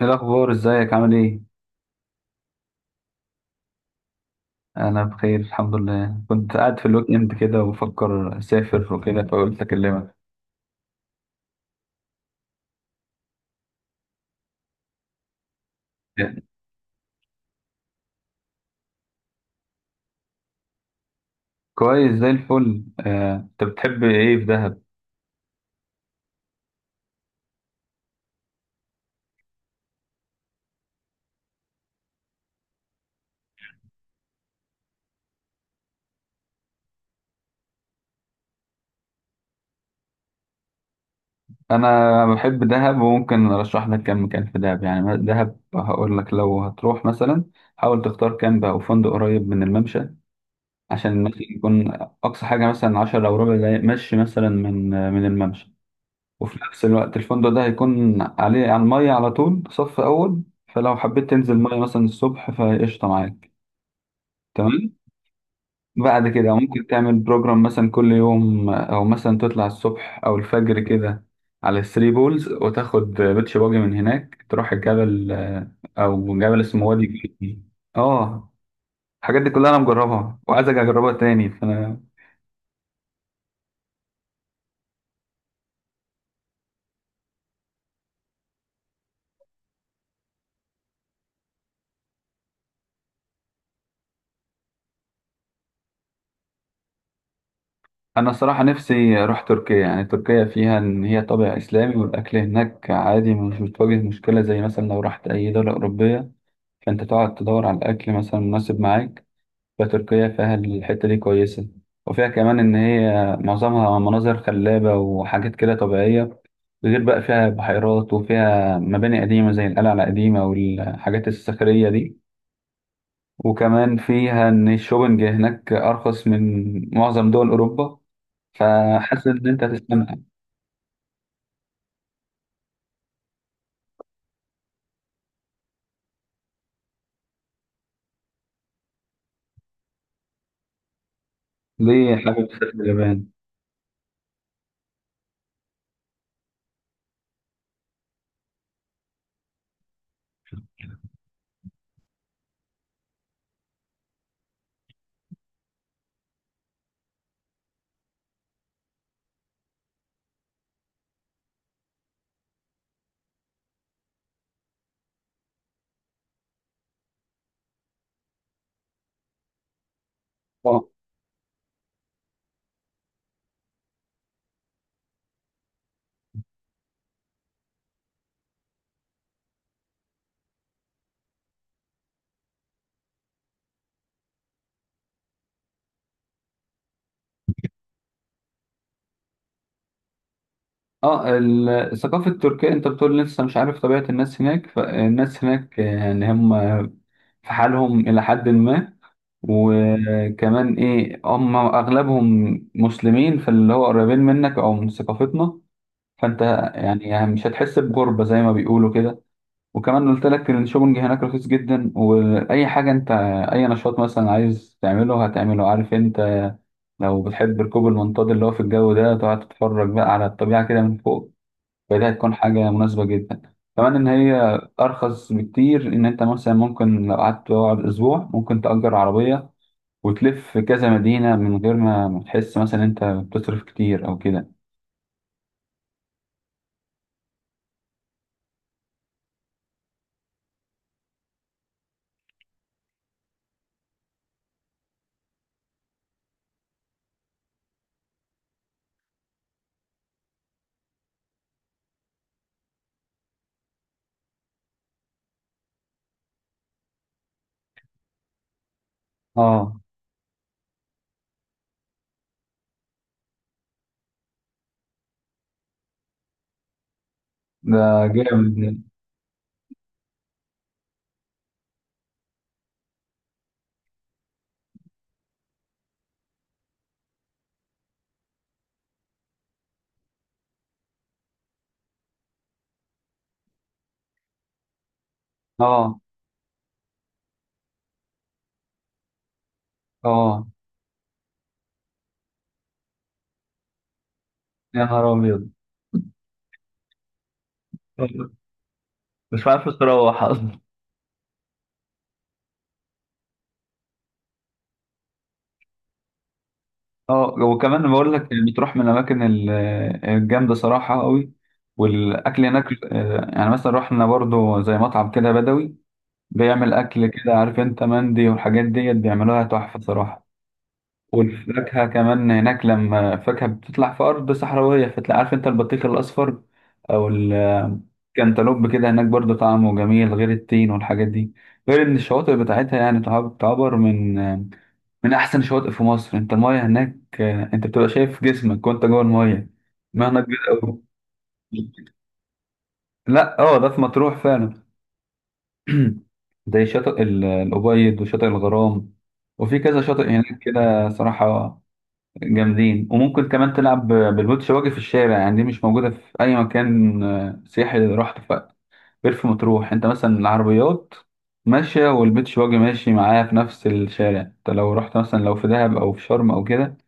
ايه الاخبار، ازيك؟ عامل ايه؟ انا بخير الحمد لله. كنت قاعد في الويك اند كده وبفكر اسافر وكده فقلت اكلمك. كويس زي الفل. آه، انت بتحب ايه في دهب؟ انا بحب دهب وممكن ارشح لك كام مكان في دهب. يعني دهب هقول لك لو هتروح مثلا حاول تختار كامب او فندق قريب من الممشى عشان المشي يكون اقصى حاجه مثلا 10 او ربع دقايق مشي مثلا من الممشى. وفي نفس الوقت الفندق ده هيكون عليه على المية على طول صف أول، فلو حبيت تنزل مية مثلا الصبح فقشطة معاك. تمام. بعد كده ممكن تعمل بروجرام مثلا كل يوم أو مثلا تطلع الصبح أو الفجر كده على الثري بولز وتاخد بيتش باجي من هناك تروح الجبل، أو جبل اسمه وادي جدي. اه، الحاجات دي كلها أنا مجربها وعايز أجي أجربها تاني، فأنا. انا صراحة نفسي اروح تركيا. يعني تركيا فيها ان هي طابع اسلامي والاكل هناك عادي، مش بتواجه مشكلة زي مثلا لو رحت اي دولة اوروبية فانت تقعد تدور على الاكل مثلا مناسب معاك. فتركيا فيها الحتة دي كويسة، وفيها كمان ان هي معظمها مناظر خلابة وحاجات كده طبيعية، غير بقى فيها بحيرات وفيها مباني قديمة زي القلعة القديمة والحاجات الصخرية دي. وكمان فيها إن الشوبنج هناك أرخص من معظم دول أوروبا، فحاسس إن أنت هتسلمها. ليه حابب تسافر اليابان؟ اه. اه، الثقافة التركية. أنت بتقول لسه مش عارف طبيعة الناس هناك، فالناس هناك يعني هم في حالهم إلى حد ما، وكمان هم أغلبهم مسلمين، فاللي هو قريبين منك أو من ثقافتنا، فأنت يعني مش هتحس بغربة زي ما بيقولوا كده. وكمان قلت لك إن الشوبنج هناك رخيص جدا، واي حاجه انت، اي نشاط مثلا عايز تعمله هتعمله، عارف انت. لو بتحب ركوب المنطاد اللي هو في الجو ده تقعد تتفرج بقى على الطبيعه كده من فوق، فده هتكون حاجه مناسبه جدا. كمان ان هي ارخص بكتير، ان انت مثلا ممكن لو قعدت تقعد اسبوع ممكن تأجر عربيه وتلف كذا مدينه من غير ما تحس مثلا انت بتصرف كتير او كده. اه ده جامد. اه. اه. يا نهار ابيض! مش عارف تروح اصلا. اه، وكمان بقول لك اللي بتروح من الاماكن الجامده صراحه قوي. والاكل هناك، يعني مثلا رحنا برضو زي مطعم كده بدوي بيعمل اكل كده، عارف انت، مندي والحاجات ديت بيعملوها تحفه صراحه. والفاكهه كمان هناك لما الفاكهه بتطلع في ارض صحراويه فتلاقي، عارف انت، البطيخ الاصفر او الكنتالوب كده هناك برضو طعمه جميل، غير التين والحاجات دي. غير ان الشواطئ بتاعتها يعني تعتبر من احسن الشواطئ في مصر. انت المايه هناك، انت بتبقى شايف جسمك وانت جوه المايه. مهنة كبيرة قوي. لا. اه، ده في مطروح فعلا. زي شاطئ الأبيض وشاطئ الغرام، وفي كذا شاطئ هناك كده صراحة جامدين. وممكن كمان تلعب بالبوت شواجه في الشارع، يعني دي مش موجودة في أي مكان سياحي غير في مطروح. أنت مثلا العربيات ماشية والبيت شواجه ماشي معاها في نفس الشارع. أنت لو رحت مثلا لو في دهب أو في شرم أو كده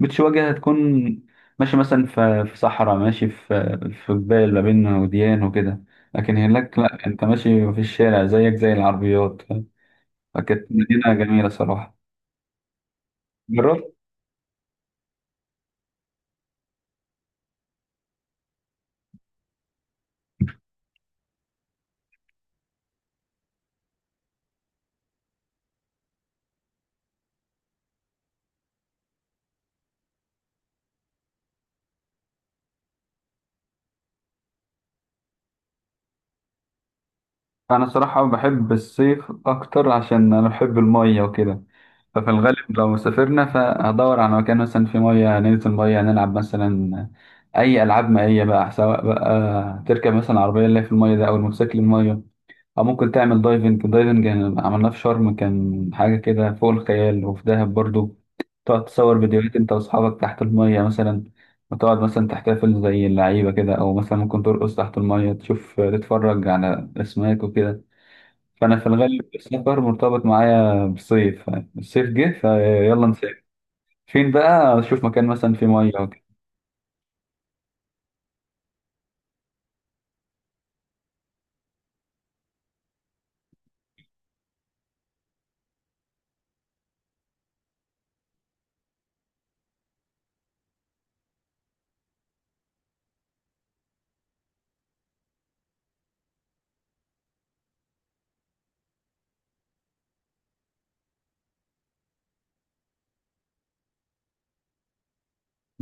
بتش واجهة هتكون ماشي مثلا في صحراء، ماشي في جبال ما بين وديان وكده. لكن هناك لا، انت ماشي في الشارع زيك زي العربيات. فكانت مدينة جميلة صراحة. جربت. انا صراحة بحب الصيف اكتر عشان انا بحب المية وكده. ففي الغالب لو سافرنا فهدور على مكان مثلا فيه مية، ننزل مية نلعب مثلا اي العاب مائية بقى، سواء بقى تركب مثلا عربية اللي هي في المية ده او الموتوسيكل المية، أو ممكن تعمل دايفنج. يعني عملناه في شرم كان حاجة كده فوق الخيال، وفي دهب برضو تقعد تصور فيديوهات أنت وأصحابك تحت المية مثلا، وتقعد مثلا تحتفل زي اللعيبة كده، أو مثلا ممكن ترقص تحت المية تشوف تتفرج على أسماك وكده. فأنا في الغالب السفر مرتبط معايا بالصيف. الصيف جه فيلا نسافر فين بقى، أشوف مكان مثلا فيه مية وكده.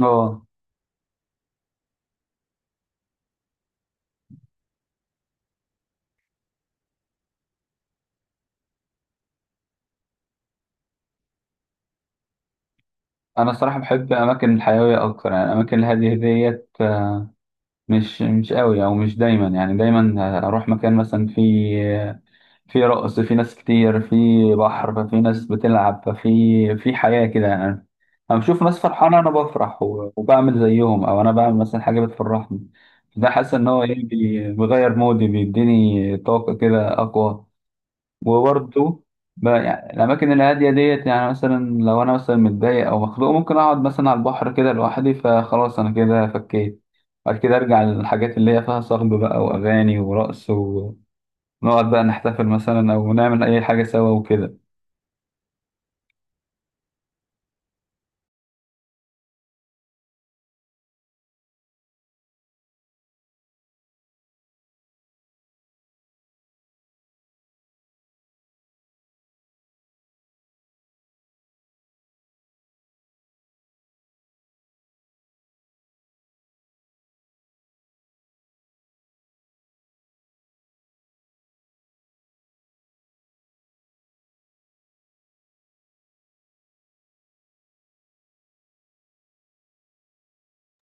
أه. أنا الصراحة بحب أماكن الحيوية أكتر. يعني الأماكن الهادية ديت مش قوي، او مش دايما. يعني دايما اروح مكان مثلا في رقص، في ناس كتير، في بحر، ففي ناس بتلعب، ففي حياة كده يعني. انا بشوف ناس فرحانة انا بفرح، وبعمل زيهم، او انا بعمل مثلا حاجة بتفرحني. ده حاسس ان هو بيغير مودي، بيديني طاقة كده اقوى. وبرضه يعني الأماكن الهادية ديت، يعني مثلا لو أنا مثلا متضايق أو مخنوق ممكن أقعد مثلا على البحر كده لوحدي، فخلاص أنا كده فكيت. بعد كده أرجع للحاجات اللي هي فيها صخب بقى وأغاني ورقص، ونقعد بقى نحتفل مثلا أو نعمل أي حاجة سوا وكده.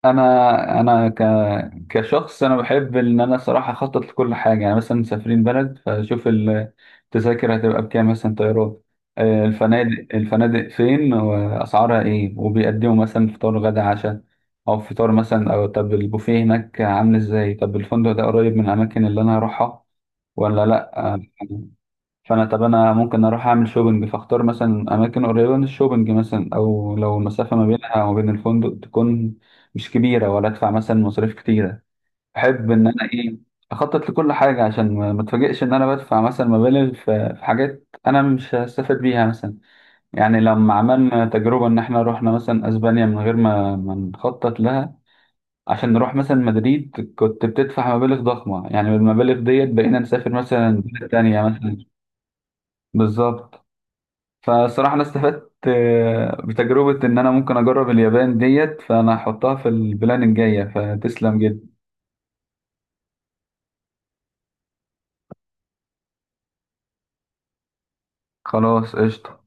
انا كشخص انا بحب ان انا صراحه اخطط لكل حاجه. يعني مثلا مسافرين بلد فاشوف التذاكر هتبقى بكام مثلا، طيران، الفنادق فين واسعارها ايه، وبيقدموا مثلا فطار غدا عشاء او فطار مثلا، او طب البوفيه هناك عامل ازاي، طب الفندق ده قريب من الاماكن اللي انا هروحها ولا لا فانا طب انا ممكن اروح اعمل شوبنج فاختار مثلا اماكن قريبه من الشوبنج مثلا، او لو المسافه ما بينها وما بين الفندق تكون مش كبيره ولا ادفع مثلا مصاريف كتيره. بحب ان انا ايه اخطط لكل حاجه عشان ما اتفاجئش ان انا بدفع مثلا مبالغ في حاجات انا مش هستفاد بيها مثلا. يعني لما عملنا تجربه ان احنا رحنا مثلا اسبانيا من غير ما نخطط لها عشان نروح مثلا مدريد كنت بتدفع مبالغ ضخمه، يعني بالمبالغ ديت بقينا نسافر مثلا بلاد تانية مثلا. بالظبط. فصراحة أنا استفدت، بتجربة إن أنا ممكن أجرب اليابان ديت، فأنا هحطها في البلان الجاية. فتسلم جدا. خلاص قشطة.